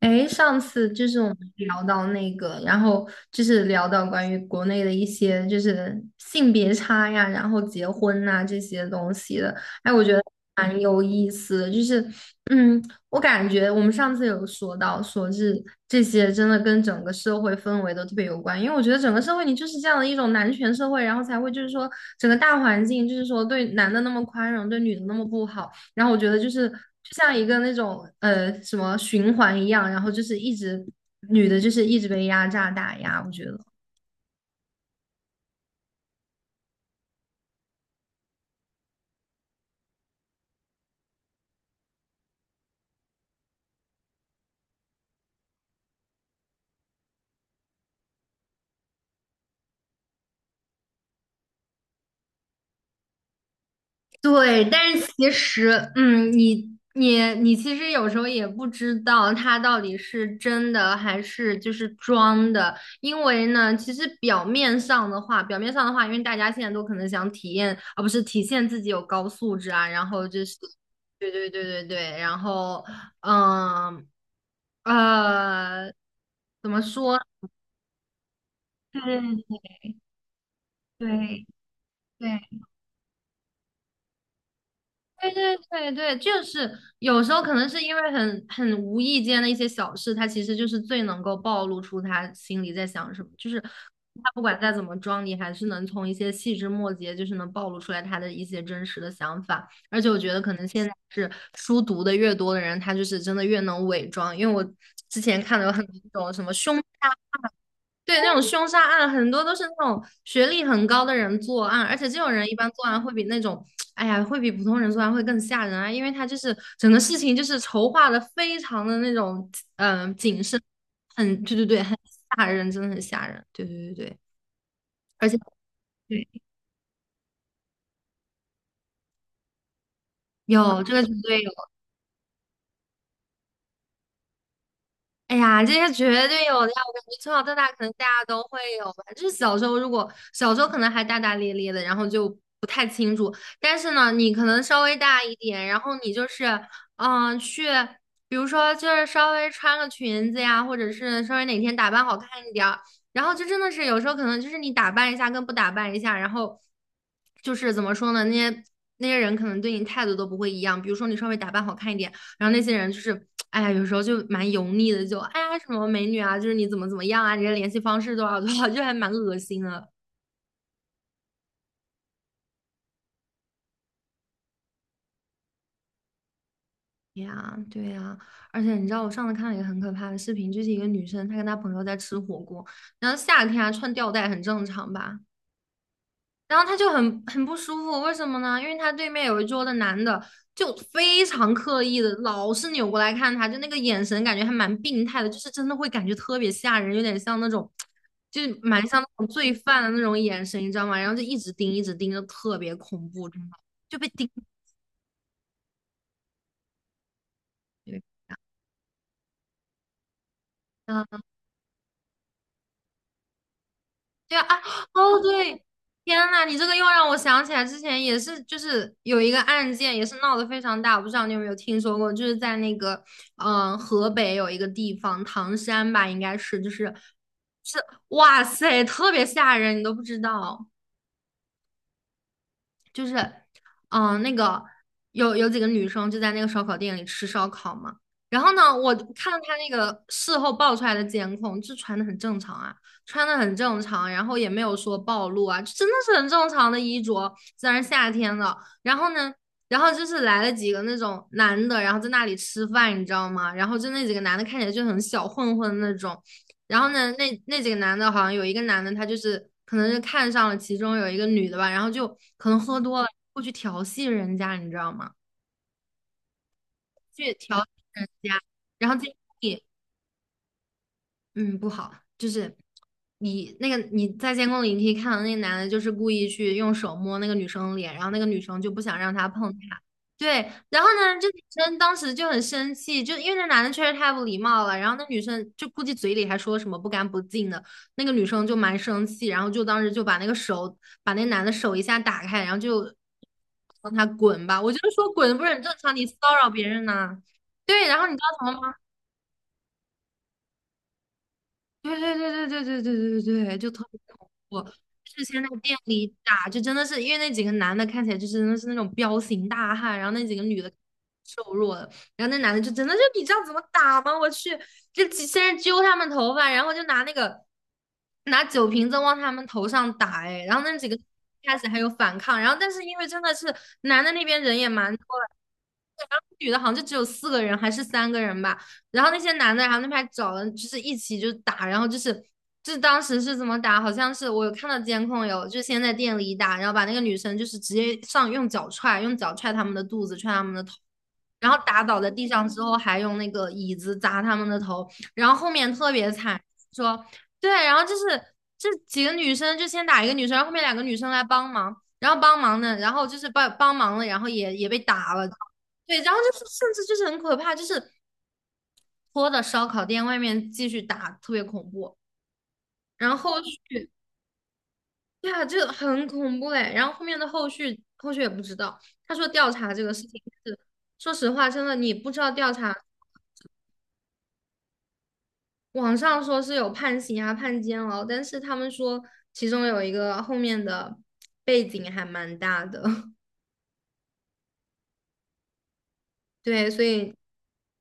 哎，上次就是我们聊到那个，然后就是聊到关于国内的一些就是性别差呀，然后结婚呐、这些东西的，哎，我觉得蛮有意思的。就是，嗯，我感觉我们上次有说到，说是这些真的跟整个社会氛围都特别有关，因为我觉得整个社会你就是这样的一种男权社会，然后才会就是说整个大环境就是说对男的那么宽容，对女的那么不好。然后我觉得就是就像一个那种什么循环一样，然后就是一直女的就是一直被压榨打压，我觉得。对，但是其实，你其实有时候也不知道他到底是真的还是就是装的，因为呢，其实表面上的话因为大家现在都可能想体验，而不是体现自己有高素质啊，然后就是，对对对对对，然后，嗯，呃，怎么说？对对对。对对对对，就是有时候可能是因为很无意间的一些小事，他其实就是最能够暴露出他心里在想什么。就是他不管再怎么装，你还是能从一些细枝末节，就是能暴露出来他的一些真实的想法。而且我觉得可能现在是书读的越多的人，他就是真的越能伪装。因为我之前看的有很多那种什么凶。对，那种凶杀案很多都是那种学历很高的人作案，而且这种人一般作案会比那种，哎呀，会比普通人作案会更吓人啊，因为他就是整个事情就是筹划的非常的那种，谨慎，很，对对对，很吓人，真的很吓人，对对对对，而且对，有这个绝对有。哎呀，这些绝对有的呀！我感觉从小到大，可能大家都会有吧。就是小时候，如果小时候可能还大大咧咧的，然后就不太清楚。但是呢，你可能稍微大一点，然后你就是，嗯、去，比如说就是稍微穿个裙子呀，或者是稍微哪天打扮好看一点儿，然后就真的是有时候可能就是你打扮一下跟不打扮一下，然后就是怎么说呢，那些人可能对你态度都不会一样。比如说你稍微打扮好看一点。然后那些人就是，哎呀，有时候就蛮油腻的，就哎呀什么美女啊，就是你怎么怎么样啊，你的联系方式多少多少，就还蛮恶心的哎呀。对呀，而且你知道我上次看了一个很可怕的视频，就是一个女生她跟她朋友在吃火锅，然后夏天啊穿吊带很正常吧，然后他就很不舒服，为什么呢？因为他对面有一桌的男的就非常刻意的，老是扭过来看他，就那个眼神感觉还蛮病态的，就是真的会感觉特别吓人，有点像那种，就是蛮像那种罪犯的那种眼神，你知道吗？然后就一直盯，一直盯，就特别恐怖，真的就被盯。对嗯对啊，啊，哦对，天呐，你这个又让我想起来之前也是，就是有一个案件也是闹得非常大，我不知道你有没有听说过，就是在那个河北有一个地方唐山吧，应该是就是哇塞，特别吓人，你都不知道。就是，那个有几个女生就在那个烧烤店里吃烧烤嘛。然后呢，我看到他那个事后爆出来的监控，就穿的很正常啊，穿的很正常，然后也没有说暴露啊，就真的是很正常的衣着，虽然夏天了。然后呢，然后就是来了几个那种男的，然后在那里吃饭，你知道吗？然后就那几个男的看起来就很小混混那种，然后呢，那几个男的，好像有一个男的，他就是可能是看上了其中有一个女的吧，然后就可能喝多了，过去调戏人家，你知道吗？去调戏人家，然后结果嗯，不好，就是你那个你在监控里，你可以看到那个男的，就是故意去用手摸那个女生的脸，然后那个女生就不想让他碰她。对，然后呢，这女生当时就很生气，就因为那男的确实太不礼貌了，然后那女生就估计嘴里还说什么不干不净的，那个女生就蛮生气，然后就当时就把那男的手一下打开，然后就让他滚吧。我就说滚不是很正常，你骚扰别人呐、对，然后你知道怎么吗？对对对对对对对对对对，就特别恐怖。之前在店里打，就真的是因为那几个男的看起来就是真的是那种彪形大汉，然后那几个女的瘦弱的，然后那男的就真的就你知道怎么打吗？我去，就先是揪他们头发，然后就拿那个拿酒瓶子往他们头上打，哎，然后那几个开始还有反抗，然后但是因为真的是男的那边人也蛮多的，然后女的好像就只有四个人还是三个人吧。然后那些男的，然后那边找了，就是一起就打，然后就是当时是怎么打？好像是我有看到监控有，就先在店里打，然后把那个女生就是直接上用脚踹，用脚踹他们的肚子，踹他们的头。然后打倒在地上之后，还用那个椅子砸他们的头，然后后面特别惨，说对，然后就是这几个女生就先打一个女生，然后后面两个女生来帮忙，然后帮忙的，然后就是帮忙了，然后也被打了，对，然后就是甚至就是很可怕，就是拖的烧烤店外面继续打，特别恐怖。然后后续，对啊，这很恐怖哎。然后后面的后续，后续也不知道。他说调查这个事情是，说实话，真的你不知道调查。网上说是有判刑啊、判监牢，但是他们说其中有一个后面的背景还蛮大的，对，所以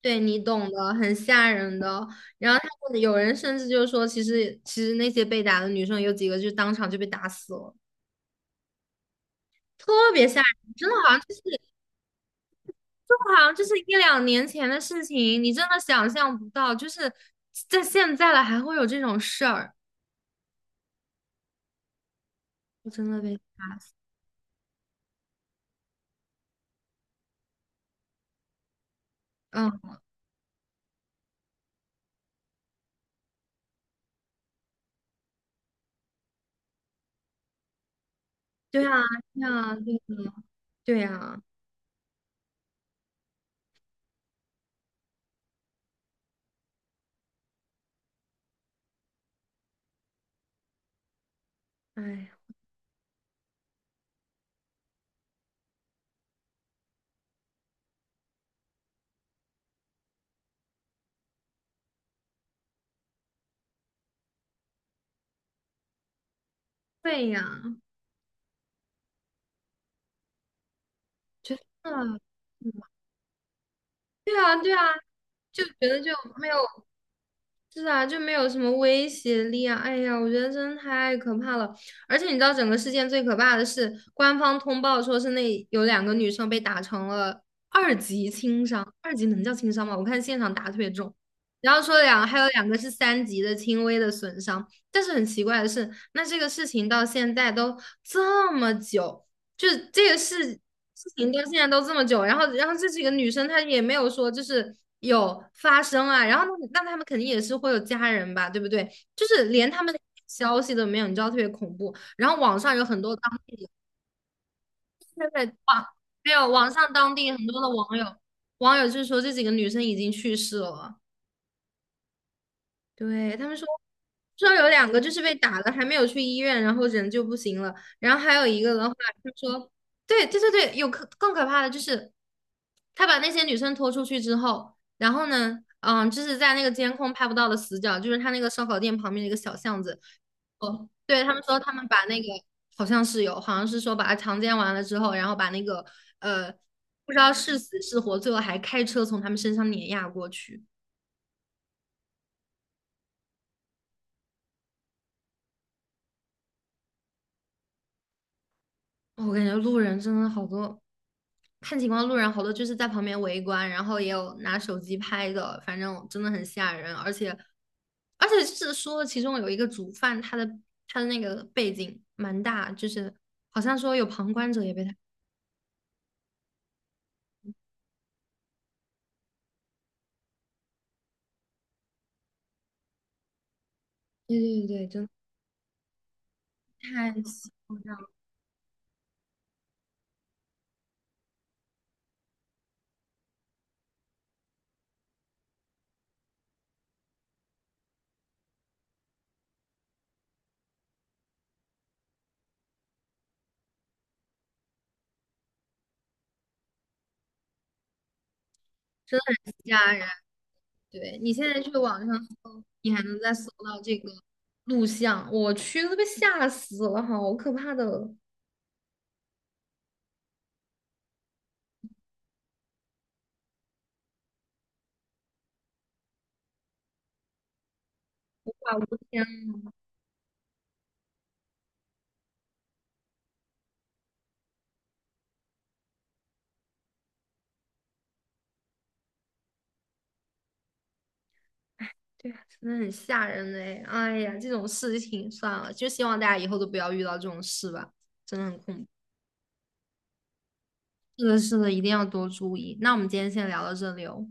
对你懂的，很吓人的。然后他们有人甚至就说，其实那些被打的女生有几个就当场就被打死了。特别吓人，真的好像就是就好像就是一两年前的事情，你真的想象不到，就是在现在了还会有这种事儿，我真的被吓死。嗯，对啊，对啊，对啊，对啊，哎呀，对呀，真的，嗯对啊，对啊对啊对啊哎呀对呀真的对啊对啊就觉得就没有。是啊，就没有什么威胁力啊！哎呀，我觉得真的太可怕了。而且你知道，整个事件最可怕的是，官方通报说是那有两个女生被打成了二级轻伤，二级能叫轻伤吗？我看现场打特别重。然后还有两个是三级的轻微的损伤，但是很奇怪的是，那这个事情到现在都这么久，就是这个事情到现在都这么久，然后这几个女生她也没有说就是有发生啊，然后那他们肯定也是会有家人吧，对不对？就是连他们的消息都没有，你知道特别恐怖。然后网上有很多当地现在网没有网上当地很多的网友就是说这几个女生已经去世了，对，他们说。说有两个就是被打了，还没有去医院，然后人就不行了。然后还有一个的话，他说，对对对对，更可怕的就是，他把那些女生拖出去之后，然后呢，就是在那个监控拍不到的死角，就是他那个烧烤店旁边的一个小巷子。哦，对，他们说他们把那个好像是有，好像是说把他强奸完了之后，然后把那个呃不知道是死是活，最后还开车从他们身上碾压过去。我感觉路人真的好多，看情况，路人好多就是在旁边围观，然后也有拿手机拍的，反正真的很吓人。而且，而且是说其中有一个主犯，他的那个背景蛮大，就是好像说有旁观者也被他。对对对，太吓真的很吓人。对你现在去网上搜，你还能再搜到这个录像，我去都被吓死了，好可怕的！哇，我的天对啊，真的很吓人嘞！哎呀，这种事情算了，就希望大家以后都不要遇到这种事吧，真的很恐怖。是的，是的，一定要多注意。那我们今天先聊到这里哦。